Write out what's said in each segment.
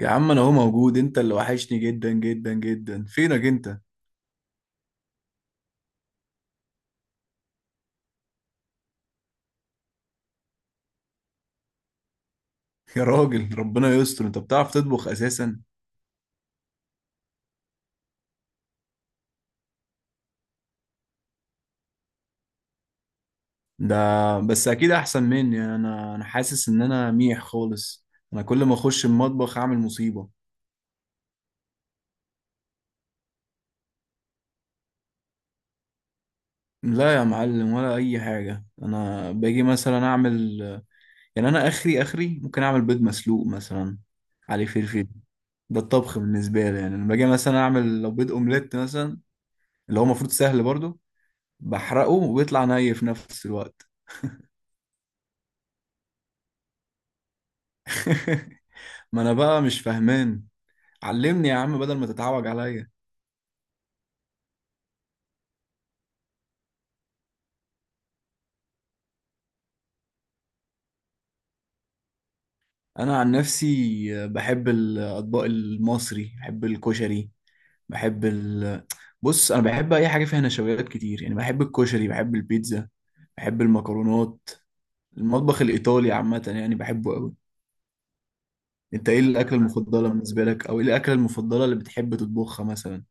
يا عم، انا اهو موجود. انت اللي وحشني جدا جدا جدا. فينك انت؟ يا راجل ربنا يستر، انت بتعرف تطبخ اساسا؟ ده بس اكيد احسن مني. يعني انا حاسس ان انا ميح خالص. انا كل ما اخش المطبخ اعمل مصيبة. لا يا معلم، ولا اي حاجة. انا باجي مثلا اعمل، يعني انا اخري اخري ممكن اعمل بيض مسلوق مثلا عليه فلفل. ده الطبخ بالنسبة لي. يعني لما باجي مثلا اعمل لو بيض اومليت مثلا، اللي هو المفروض سهل برضه، بحرقه وبيطلع ني في نفس الوقت. ما انا بقى مش فاهمان. علمني يا عم بدل ما تتعوج عليا. انا عن نفسي بحب الاطباق المصري، بحب الكشري، بحب ال... بص، انا بحب اي حاجه فيها نشويات كتير. يعني بحب الكشري، بحب البيتزا، بحب المكرونات. المطبخ الايطالي عامه يعني بحبه قوي. انت ايه الاكله المفضله بالنسبه لك؟ او ايه الاكله المفضله اللي بتحب تطبخها مثلا؟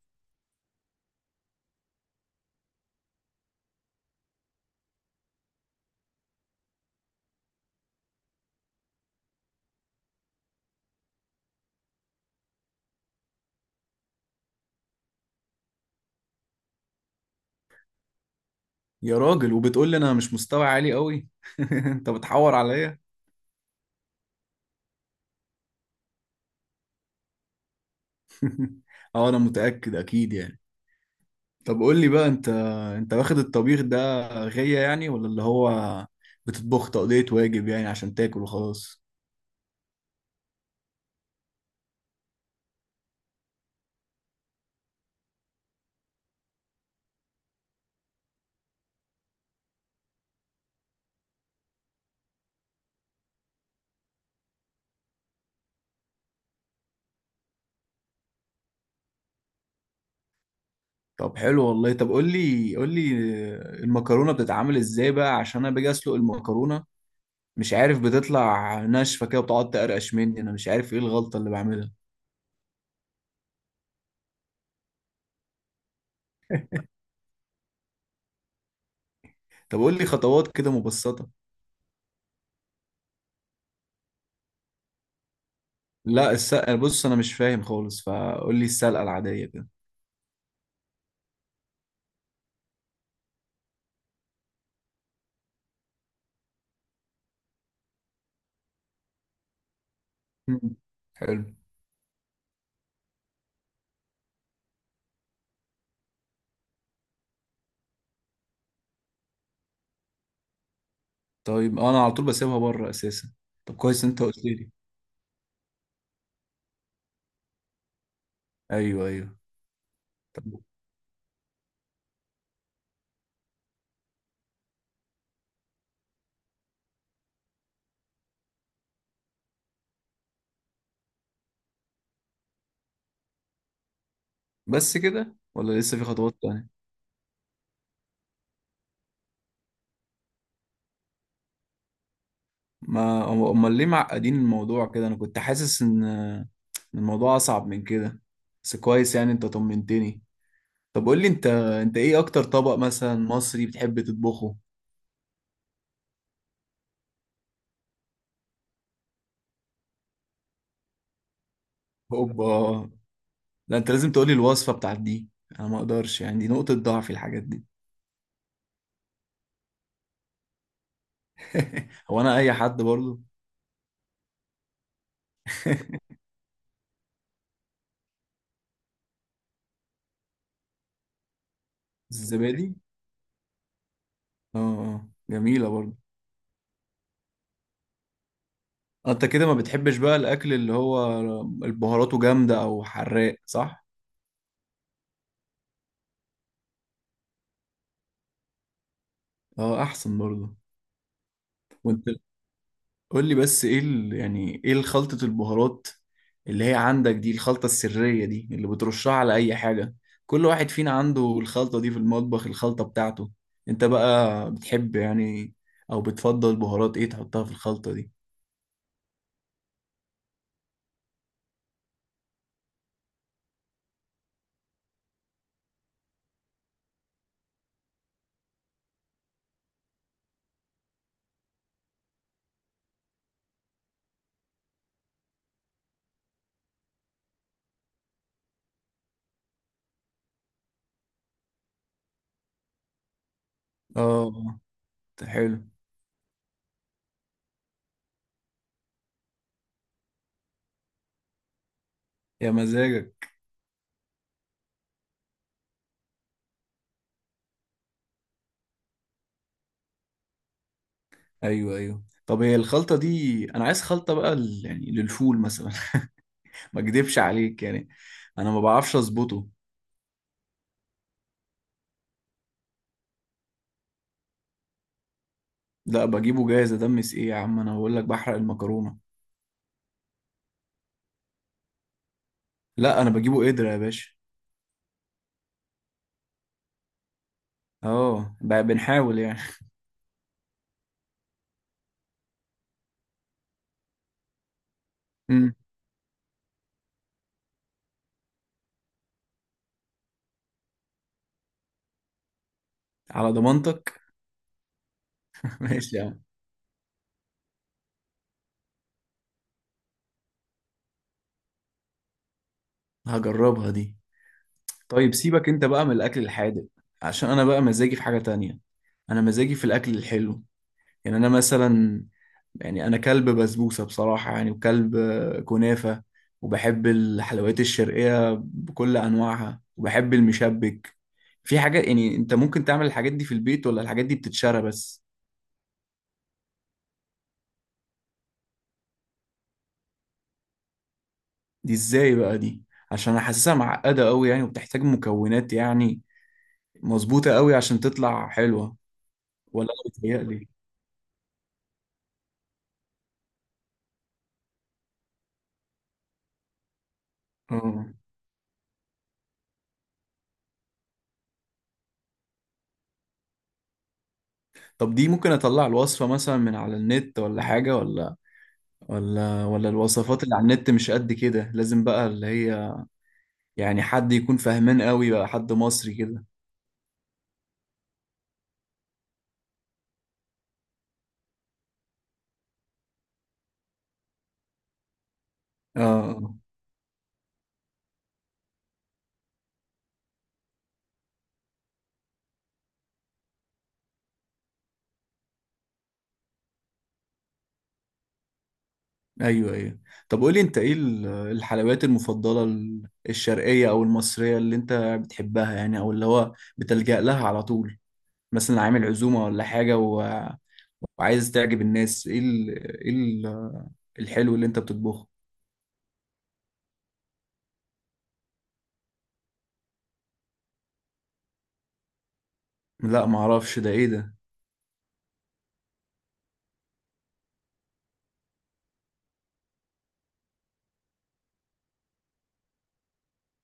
يا راجل، وبتقول لي انا مش مستوى عالي قوي؟ انت بتحور عليا. اه، انا متاكد اكيد يعني. طب قول لي بقى انت، انت واخد الطبيخ ده غية يعني، ولا اللي هو بتطبخ تقضية واجب يعني عشان تاكل وخلاص؟ طب حلو والله. طب قول لي، قول لي، المكرونة بتتعمل ازاي بقى؟ عشان انا باجي اسلق المكرونة، مش عارف، بتطلع ناشفة كده وبتقعد تقرقش مني. انا مش عارف ايه الغلطة اللي بعملها. طب قول لي خطوات كده مبسطة. لا السلقة، بص انا مش فاهم خالص، فقول لي السلقة العادية كده. مم. حلو. طيب انا على طول بسيبها بره اساسا. طب كويس، انت قلت لي. ايوه ايوه طب. بس كده ولا لسه في خطوات تانية؟ ما امال ليه معقدين الموضوع كده؟ انا كنت حاسس ان الموضوع اصعب من كده. بس كويس، يعني انت طمنتني. طب قول لي انت، انت ايه اكتر طبق مثلا مصري بتحب تطبخه؟ اوبا. لا انت لازم تقول لي الوصفة بتاعت دي. انا ما اقدرش يعني، دي نقطة ضعف، الحاجات دي. هو انا اي حد برضو؟ الزبادي. اه آه، جميلة برضو. انت كده ما بتحبش بقى الاكل اللي هو البهاراته جامدة او حراق، صح؟ اه احسن برضو. وانت، قول لي بس ايه ال... يعني ايه خلطة البهارات اللي هي عندك دي؟ الخلطة السرية دي اللي بترشها على اي حاجة. كل واحد فينا عنده الخلطة دي في المطبخ، الخلطة بتاعته. انت بقى بتحب يعني، او بتفضل بهارات ايه تحطها في الخلطة دي؟ اه، ده حلو. يا مزاجك. ايوه ايوه طب، هي الخلطة دي، انا عايز خلطة بقى يعني للفول مثلا. ما اكدبش عليك يعني، انا ما بعرفش اظبطه. لا بجيبه جاهز. ادمس ايه يا عم، انا بقول لك بحرق المكرونة. لا انا بجيبه قدرة يا باشا. اه، بنحاول يعني. امم. على ضمانتك. ماشي يا عم، هجربها دي. طيب سيبك انت بقى من الاكل الحادق، عشان انا بقى مزاجي في حاجة تانية. انا مزاجي في الاكل الحلو. يعني انا مثلا، يعني انا كلب بسبوسة بصراحة يعني، وكلب آه، كنافة. وبحب الحلويات الشرقية بكل انواعها، وبحب المشبك. في حاجة يعني انت ممكن تعمل الحاجات دي في البيت ولا الحاجات دي بتتشرى بس؟ دي ازاي بقى دي؟ عشان انا حاسسها معقدة قوي يعني، وبتحتاج مكونات يعني مظبوطة قوي عشان تطلع حلوة. ولا انا بتهيألي؟ اه. طب دي ممكن اطلع الوصفة مثلا من على النت ولا حاجة؟ ولا الوصفات اللي على النت مش قد كده؟ لازم بقى اللي هي يعني حد يكون فاهمان قوي بقى، حد مصري كده. اه آه. ايوه ايوه طب، قولي انت ايه الحلويات المفضلة الشرقية او المصرية اللي انت بتحبها يعني، او اللي هو بتلجأ لها على طول، مثلا عامل عزومة ولا حاجة و... وعايز تعجب الناس ايه ال... ايه ال... الحلو اللي انت بتطبخه؟ لا ما اعرفش، ده ايه ده؟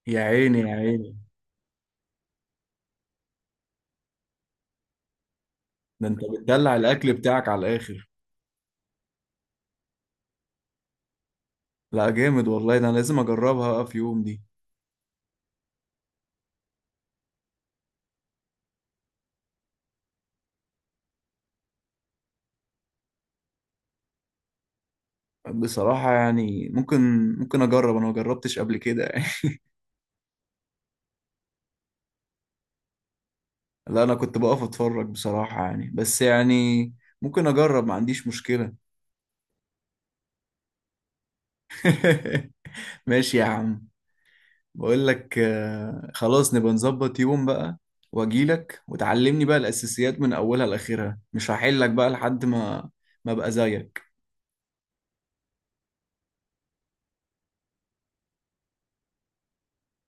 يا عيني يا عيني. ده انت بتدلع الاكل بتاعك على الاخر. لا جامد والله، ده انا لازم اجربها بقى في يوم دي. بصراحة يعني ممكن اجرب. انا ما جربتش قبل كده يعني. لا انا كنت بقف اتفرج بصراحة يعني، بس يعني ممكن اجرب، ما عنديش مشكلة. ماشي يا عم. بقول لك آه، خلاص نبقى نظبط يوم بقى، واجيلك وتعلمني بقى الاساسيات من اولها لاخرها، مش هحلك بقى لحد ما ابقى زيك.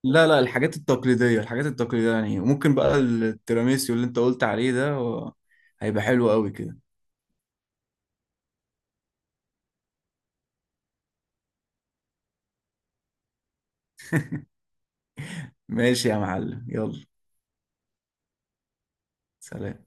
لا لا، الحاجات التقليديه، الحاجات التقليديه يعني، وممكن بقى التيراميسيو اللي انت قلت عليه ده و... هيبقى حلو قوي كده. ماشي يا معلم، يلا. سلام.